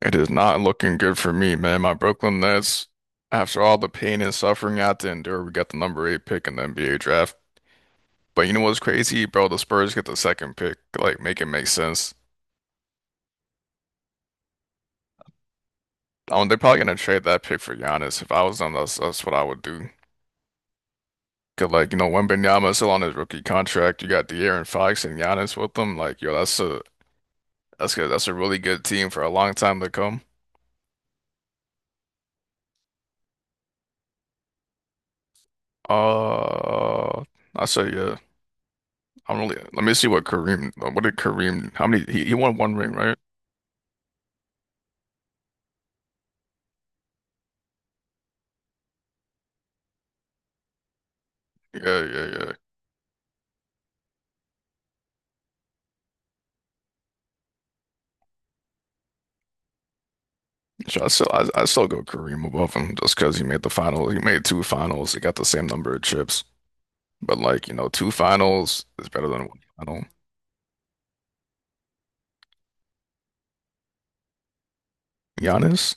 It is not looking good for me, man. My Brooklyn Nets, after all the pain and suffering I had to endure, we got the number eight pick in the NBA draft. But you know what's crazy, bro? The Spurs get the second pick. Like, make it make sense. They're probably gonna trade that pick for Giannis. If I was them, that's what I would do. 'Cause like, you know, Wembanyama is still on his rookie contract. You got De'Aaron Fox and Giannis with them. Like, yo, that's good. That's a really good team for a long time to come. Uh, I say yeah. Let me see what did Kareem, how many, he won one ring, right? Yeah, yeah, yeah. So I still go Kareem above him just because he made the final. He made two finals. He got the same number of chips. But like, you know, two finals is better than one final. Giannis?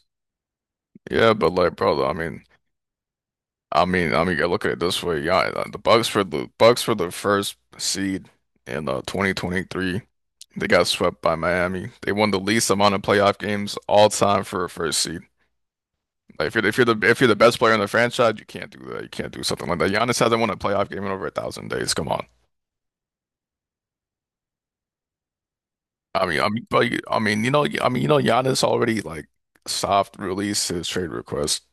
Yeah, but like, brother, I mean, you gotta look at it this way. Yeah, the Bucks for the first seed in 2023. They got swept by Miami. They won the least amount of playoff games all time for a first seed. Like if you're the best player in the franchise, you can't do that. You can't do something like that. Giannis hasn't won a playoff game in over 1,000 days. Come on. You know, Giannis already like soft released his trade request.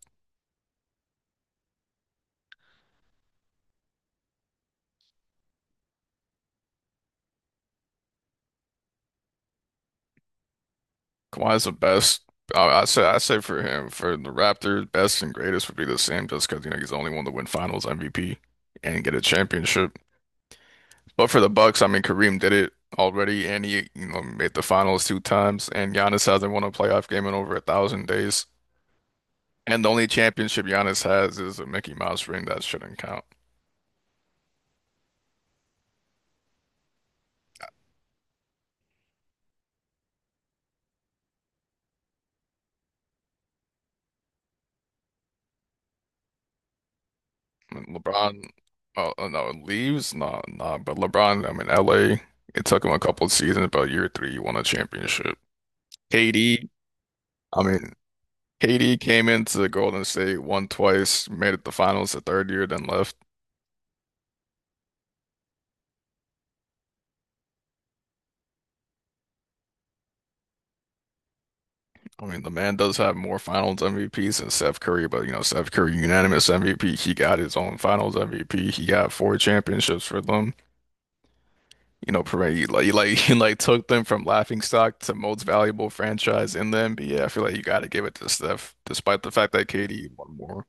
Kawhi's the best. I say for him, for the Raptors, best and greatest would be the same, just because you know he's the only one to win Finals MVP and get a championship. But for the Bucks, I mean, Kareem did it already, and he you know made the Finals two times, and Giannis hasn't won a playoff game in over a thousand days. And the only championship Giannis has is a Mickey Mouse ring that shouldn't count. And LeBron, oh, no, leaves, nah, nah. But LeBron, I'm in LA. It took him a couple of seasons, but year three, he won a championship. KD, I mean, KD came into Golden State, won twice, made it the finals the third year, then left. I mean, the man does have more Finals MVPs than Steph Curry, but you know, Steph Curry unanimous MVP. He got his own Finals MVP. He got four championships for them. You know, Perret, you like you like took them from laughing stock to most valuable franchise in the NBA. I feel like you got to give it to Steph, despite the fact that KD won more.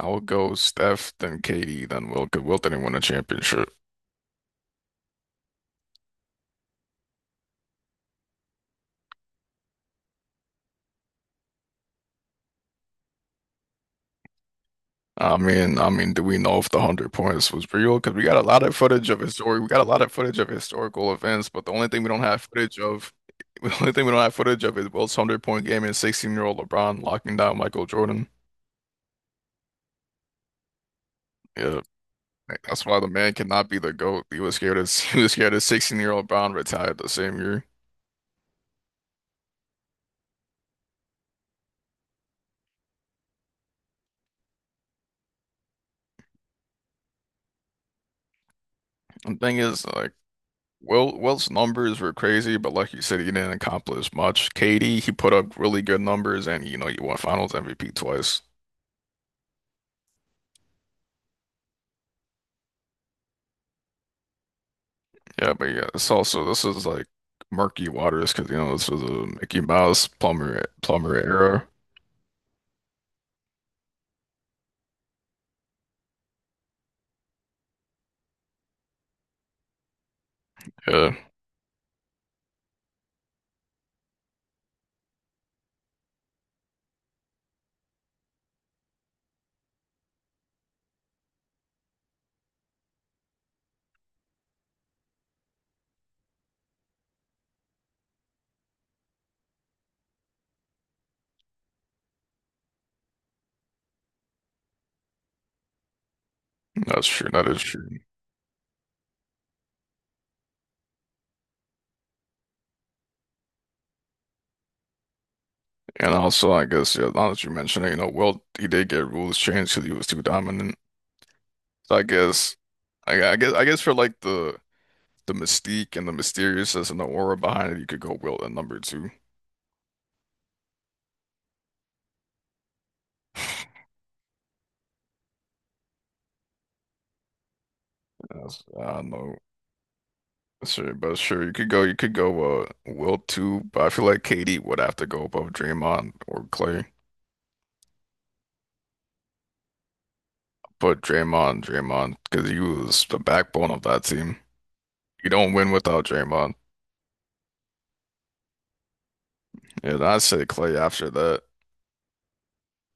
I would go Steph, then KD, then Wilt. Because Wilt didn't win a championship. Do we know if the 100 points was real? Because we got a lot of footage of historic, we got a lot of footage of historical events, but the only thing we don't have footage of, the only thing we don't have footage of is Wilt's 100-point game and 16-year old LeBron locking down Michael Jordan. Yeah. Like, that's why the man cannot be the GOAT. He was scared as he was scared as 16-year-old Brown retired the same year. And thing is, like Will Wilt's numbers were crazy, but like you said, he didn't accomplish much. KD, he put up really good numbers, and you know he won Finals MVP twice. Yeah, but yeah, it's also this is like murky waters because you know this was a Mickey Mouse plumber era. Yeah, that's true. That is true. And also, I guess, yeah, now that you mentioned it, you know, Wilt he did get rules changed because he was too dominant. So I guess for like the mystique and the mysteriousness and the aura behind it, you could go Wilt at number two. That's, I don't know, sure, but sure, you could go Wilt two, but I feel like KD would have to go above Draymond or Clay. But Draymond, because he was the backbone of that team. You don't win without Draymond. Yeah, and I'd say Clay after that.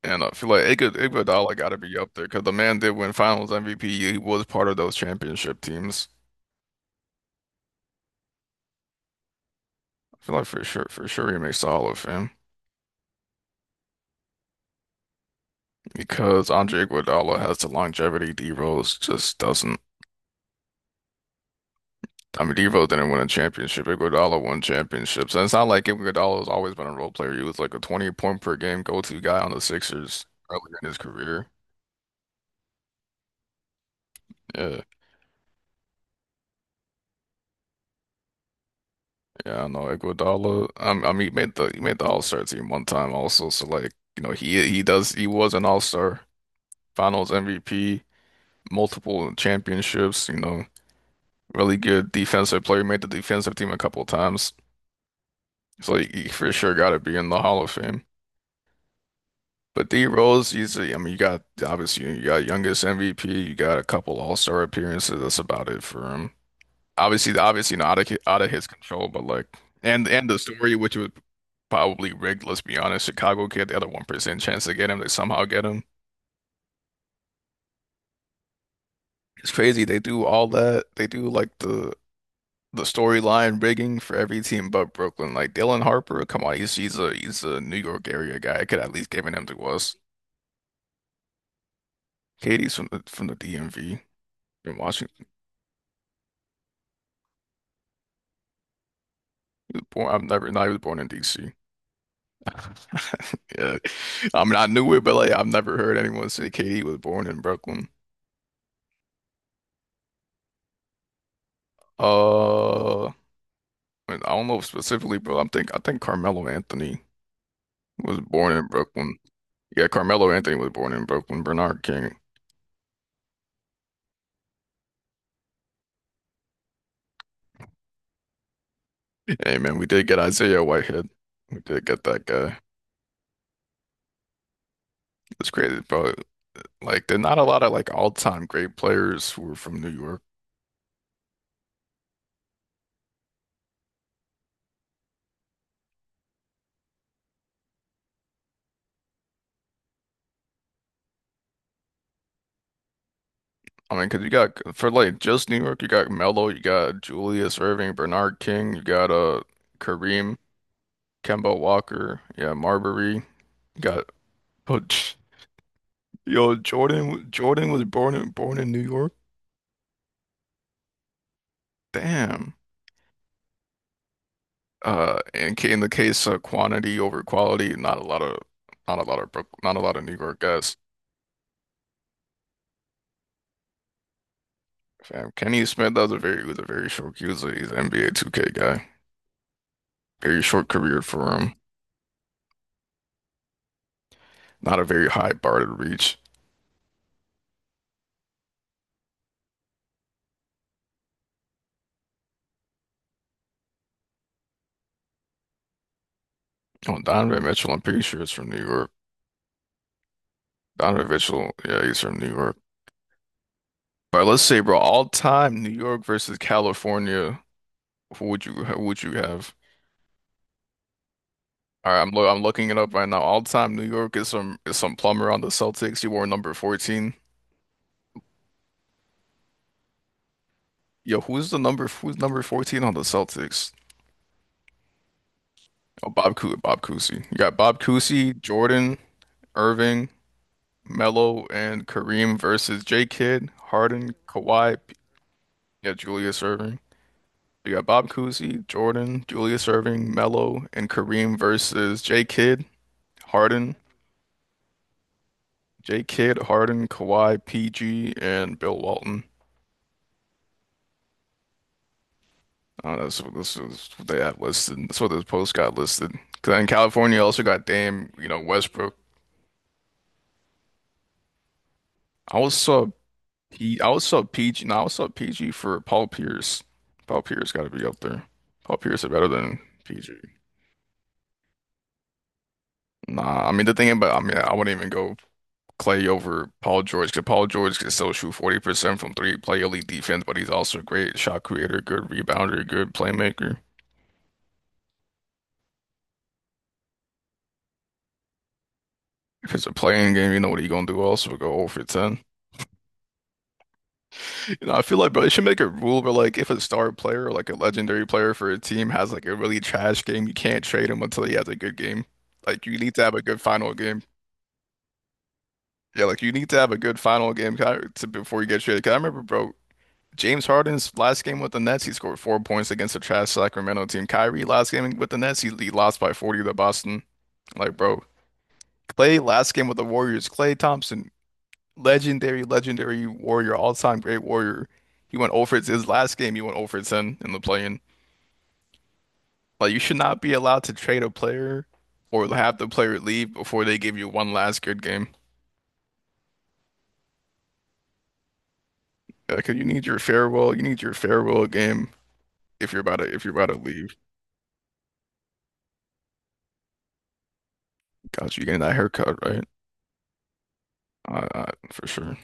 And I feel like Iguodala got to be up there because the man did win Finals MVP. He was part of those championship teams. I feel like for sure, he makes the Hall of Fame because Andre Iguodala has the longevity. D Rose just doesn't. I mean, D Rose didn't win a championship. Iguodala won championships, and it's not like Iguodala has always been a role player. He was like a 20-point per game go-to guy on the Sixers earlier in his career. Yeah, yeah, I know Iguodala. I mean, he made the All-Star team one time also. So like, you know, he was an All-Star, Finals MVP, multiple championships. You know, really good defensive player, made the defensive team a couple of times. So he for sure got to be in the Hall of Fame. But D Rose, he's a, I mean, you got obviously you got youngest MVP, you got a couple All-Star appearances. That's about it for him. Obviously, obviously not out of his control, but like, and the story, which was probably rigged. Let's be honest, Chicago kid, the other 1% chance to get him, they somehow get him. It's crazy. They do all that. They do like the storyline rigging for every team but Brooklyn. Like Dylan Harper, come on, he's a New York area guy. I could at least give him to us. Katie's from the DMV in Washington. He was born. I've never. No, he was born in DC. Yeah, I mean I knew it, but like I've never heard anyone say Katie was born in Brooklyn. Uh, I don't know specifically, but I think Carmelo Anthony was born in Brooklyn. Yeah, Carmelo Anthony was born in Brooklyn. Bernard King. Hey man, we did get Isaiah Whitehead. We did get that guy. It's crazy, but like, there're not a lot of like all-time great players who are from New York. I mean, because you got for like just New York, you got Melo, you got Julius Irving, Bernard King, you got Kareem, Kemba Walker, yeah, Marbury, you got oh, tch, yo Jordan. Jordan was born in born in New York. Damn. And in the case of quantity over quality, not a lot of not a lot of Brook- not a lot of New York guys. Fam, Kenny Smith, that was a very short. He's an NBA 2K guy. Very short career for him. Not a very high bar to reach. Oh, Donovan Mitchell, I'm pretty sure it's from New York. Donovan Mitchell, yeah, he's from New York. But let's say, bro, all time New York versus California. Who would you have? All right, I'm looking it up right now. All time New York is some plumber on the Celtics. He wore number 14. Yo, who's number 14 on the Celtics? Oh, Bob Cousy. You got Bob Cousy, Jordan, Irving. Melo and Kareem versus J. Kidd, Harden, Kawhi, yeah, Julius Irving. You got Bob Cousy, Jordan, Julius Irving, Melo, and Kareem versus Harden, J. Kidd, Harden, Kawhi, PG, and Bill Walton. That's what this is what they have listed. That's what this post got listed. Because in California, you also got Dame, you know, Westbrook. I was saw P. I was saw PG. No, I was saw PG for Paul Pierce. Paul Pierce got to be up there. Paul Pierce is better than PG. Nah, I mean I wouldn't even go Clay over Paul George because Paul George can still shoot 40% from three, play elite defense, but he's also a great shot creator, good rebounder, good playmaker. If it's a playing game, you know what he gonna do, also go over 10. You know, I feel like bro, they should make a rule where like if a star player or like a legendary player for a team has like a really trash game, you can't trade him until he has a good game. Like you need to have a good final game. Yeah, like you need to have a good final game to, before you get traded. 'Cause I remember, bro, James Harden's last game with the Nets, he scored 4 points against the trash Sacramento team. Kyrie last game with the Nets, he lost by 40 to Boston. Like, bro, Clay last game with the Warriors, Clay Thompson, legendary, legendary warrior, all-time great warrior. He went over his last game, he went over 10 in the play-in. Like, you should not be allowed to trade a player or have the player leave before they give you one last good game. Because you need your farewell, you need your farewell game if you're about to leave. Got you getting that haircut, right? I, I, for sure.